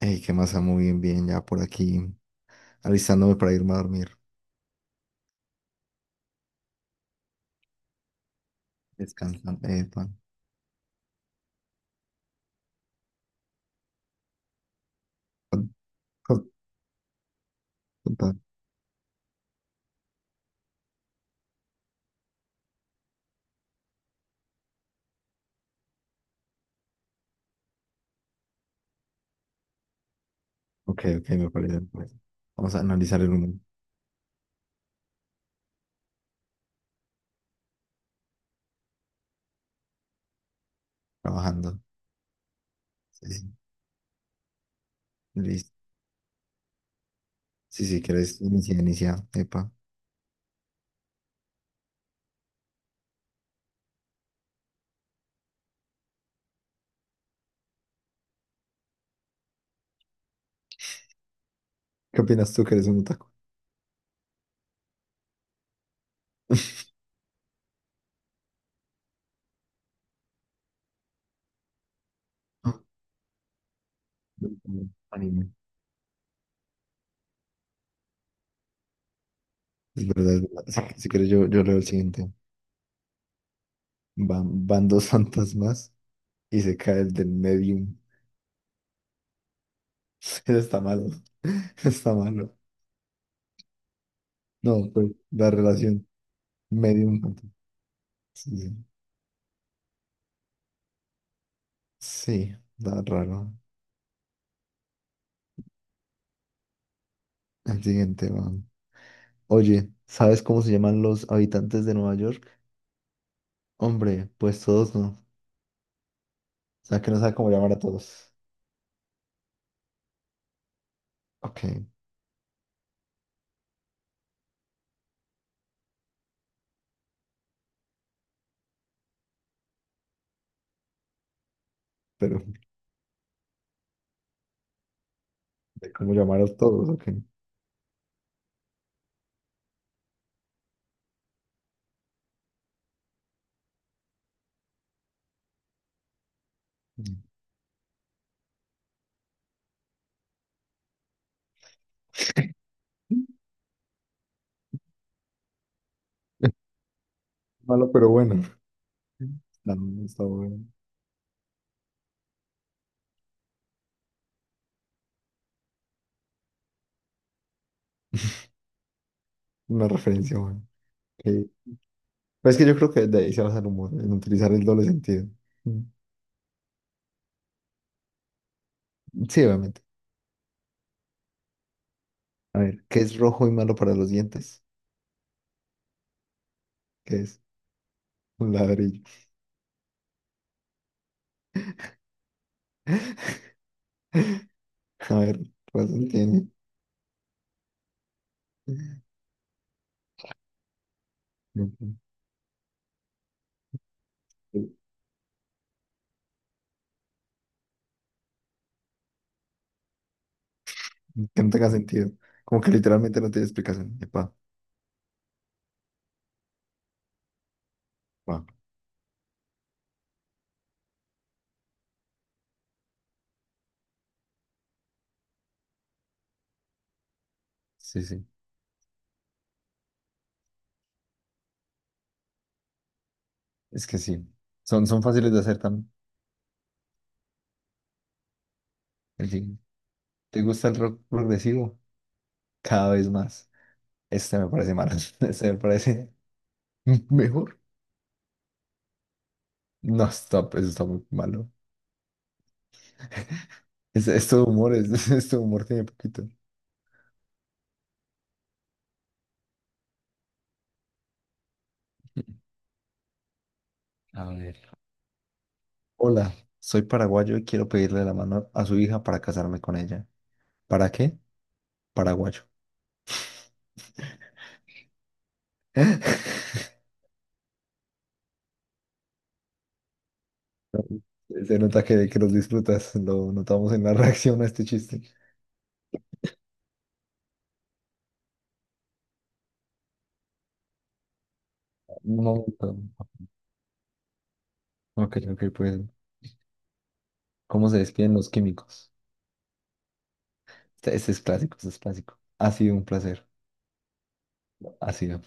Ey, qué masa, muy bien, bien, ya por aquí, alistándome para irme a dormir, descansando, pan, pan, Ok, ok, me parece, me parece. Vamos a analizar el humor, trabajando, sí, sí, listo, sí, sí, quieres, iniciar, inicia, epa, ¿qué opinas tú que eres un otaku? Ah, Anime. Es verdad, si, si quieres yo leo el siguiente, van dos fantasmas y se cae el del medium. Eso está malo. Está malo, no, pues, la relación medium-fantasma. Sí, sí. Sí, da raro. El siguiente va. Oye, ¿sabes cómo se llaman los habitantes de Nueva York? Hombre, pues todos no. O sea, que no sabe cómo llamar a todos. Ok, pero ¿de cómo llamar a todos? Ok. Mm. Malo, pero bueno. No, está bueno. Una referencia buena. Ok. Pero es que yo creo que de ahí se basa el humor, en utilizar el doble sentido. Mm. Sí, obviamente. A ver, ¿qué es rojo y malo para los dientes? ¿Qué es? Un ladrillo. A ver, pues tiene. Que no tenga sentido. Como que literalmente no tiene explicación. Epa, pa. Sí, sí. Es que sí. Son, son fáciles de hacer también. En fin, ¿te gusta el rock progresivo? Cada vez más. Este me parece malo. Este me parece mejor. No, stop, eso está muy malo. Es todo humor, es, es todo humor tiene poquito. A ver. Hola, soy paraguayo y quiero pedirle la mano a su hija para casarme con ella. ¿Para qué? Paraguayo. Se nota que los disfrutas, lo notamos en la reacción a este chiste. Un momento. Ok, ok, pues, ¿cómo se despiden los químicos? Este es clásico, este es clásico. Ha sido un placer, ha sido.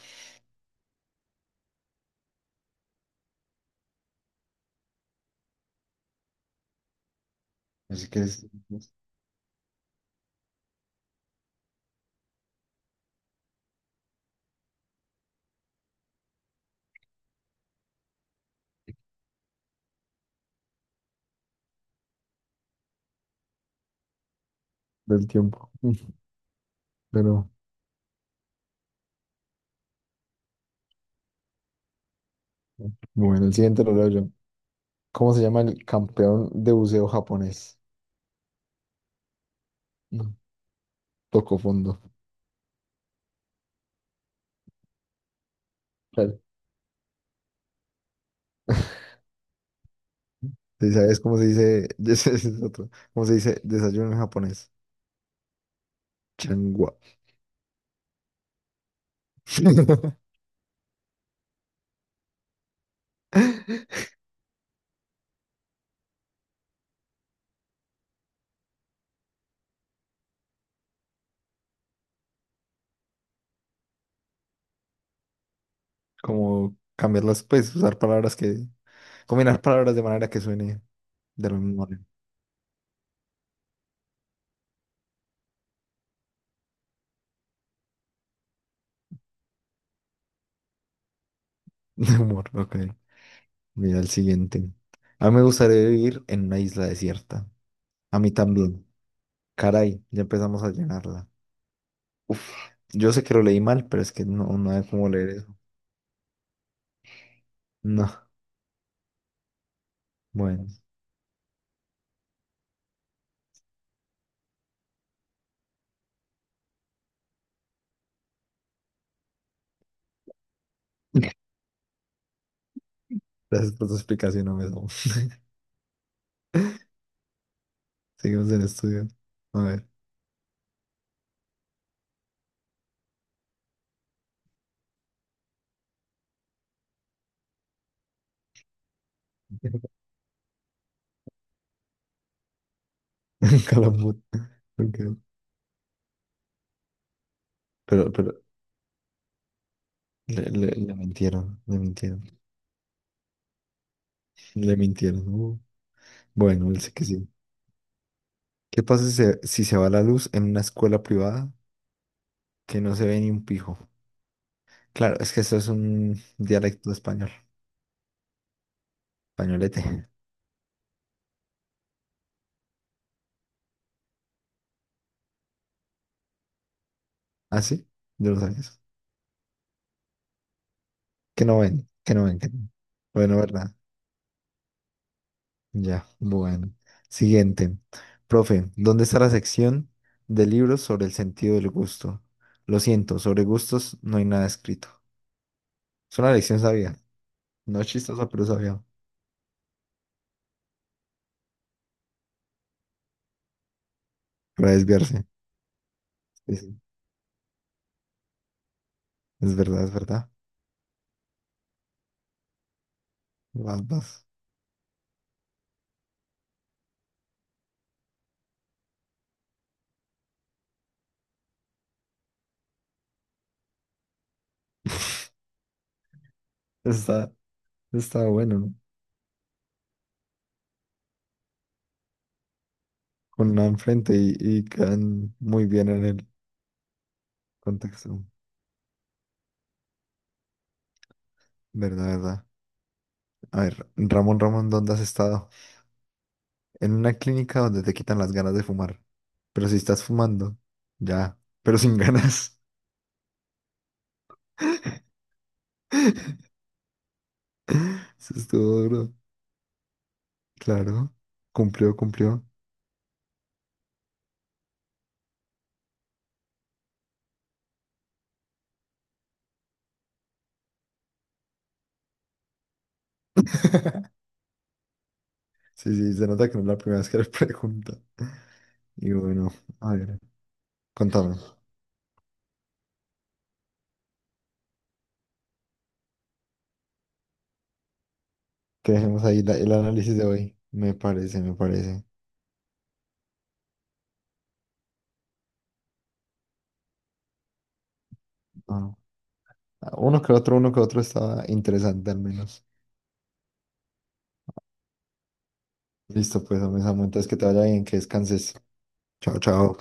Así que es del tiempo. Pero bueno, el siguiente lo leo yo. ¿Cómo se llama el campeón de buceo japonés? No, tocó fondo. Claro. Sí, ¿sabes cómo se dice? Ese es otro. ¿Cómo se dice desayuno en japonés? Changua. Como cambiarlas, pues usar palabras que, combinar palabras de manera que suene del mismo hor- de humor. Ok, mira el siguiente. A mí me gustaría vivir en una isla desierta. A mí también. Caray, ya empezamos a llenarla. Yo sé que lo leí mal, pero es que no, no hay cómo leer eso. No, bueno. Gracias por tu explicación, no me seguimos en estudio. A ver. Calambur. Ok. Pero le, le mintieron, le mintieron, le mintieron. Bueno, él sí que sí. ¿Qué pasa si se, si se va la luz en una escuela privada que no se ve ni un pijo? Claro, es que eso es un dialecto español, españolete. ¿Ah, sí? Yo lo sabía. Eso. Que no ven, que no ven, que no. Bueno, ¿verdad? Ya, bueno. Siguiente. Profe, ¿dónde está la sección de libros sobre el sentido del gusto? Lo siento, sobre gustos no hay nada escrito. Es una lección sabia. No es chistosa, pero sabia. Para desviarse. Sí, sí. Es verdad, es verdad. Vas, vas. Está, está bueno, ¿no? Con la enfrente y quedan muy bien en el contexto. Verdad, verdad. A ver, Ramón, Ramón, ¿dónde has estado? En una clínica donde te quitan las ganas de fumar. Pero si estás fumando, ya, pero sin ganas. Eso estuvo duro. Claro, cumplió, cumplió. Sí, sí, se nota que no es la primera vez que le pregunta. Y bueno, a ver, contame. Que dejemos ahí la- el análisis de hoy. Me parece, me parece. Ah. Uno que otro estaba interesante al menos. Listo, pues, hombre, Samu, entonces que te vaya bien, que descanses. Chao, chao.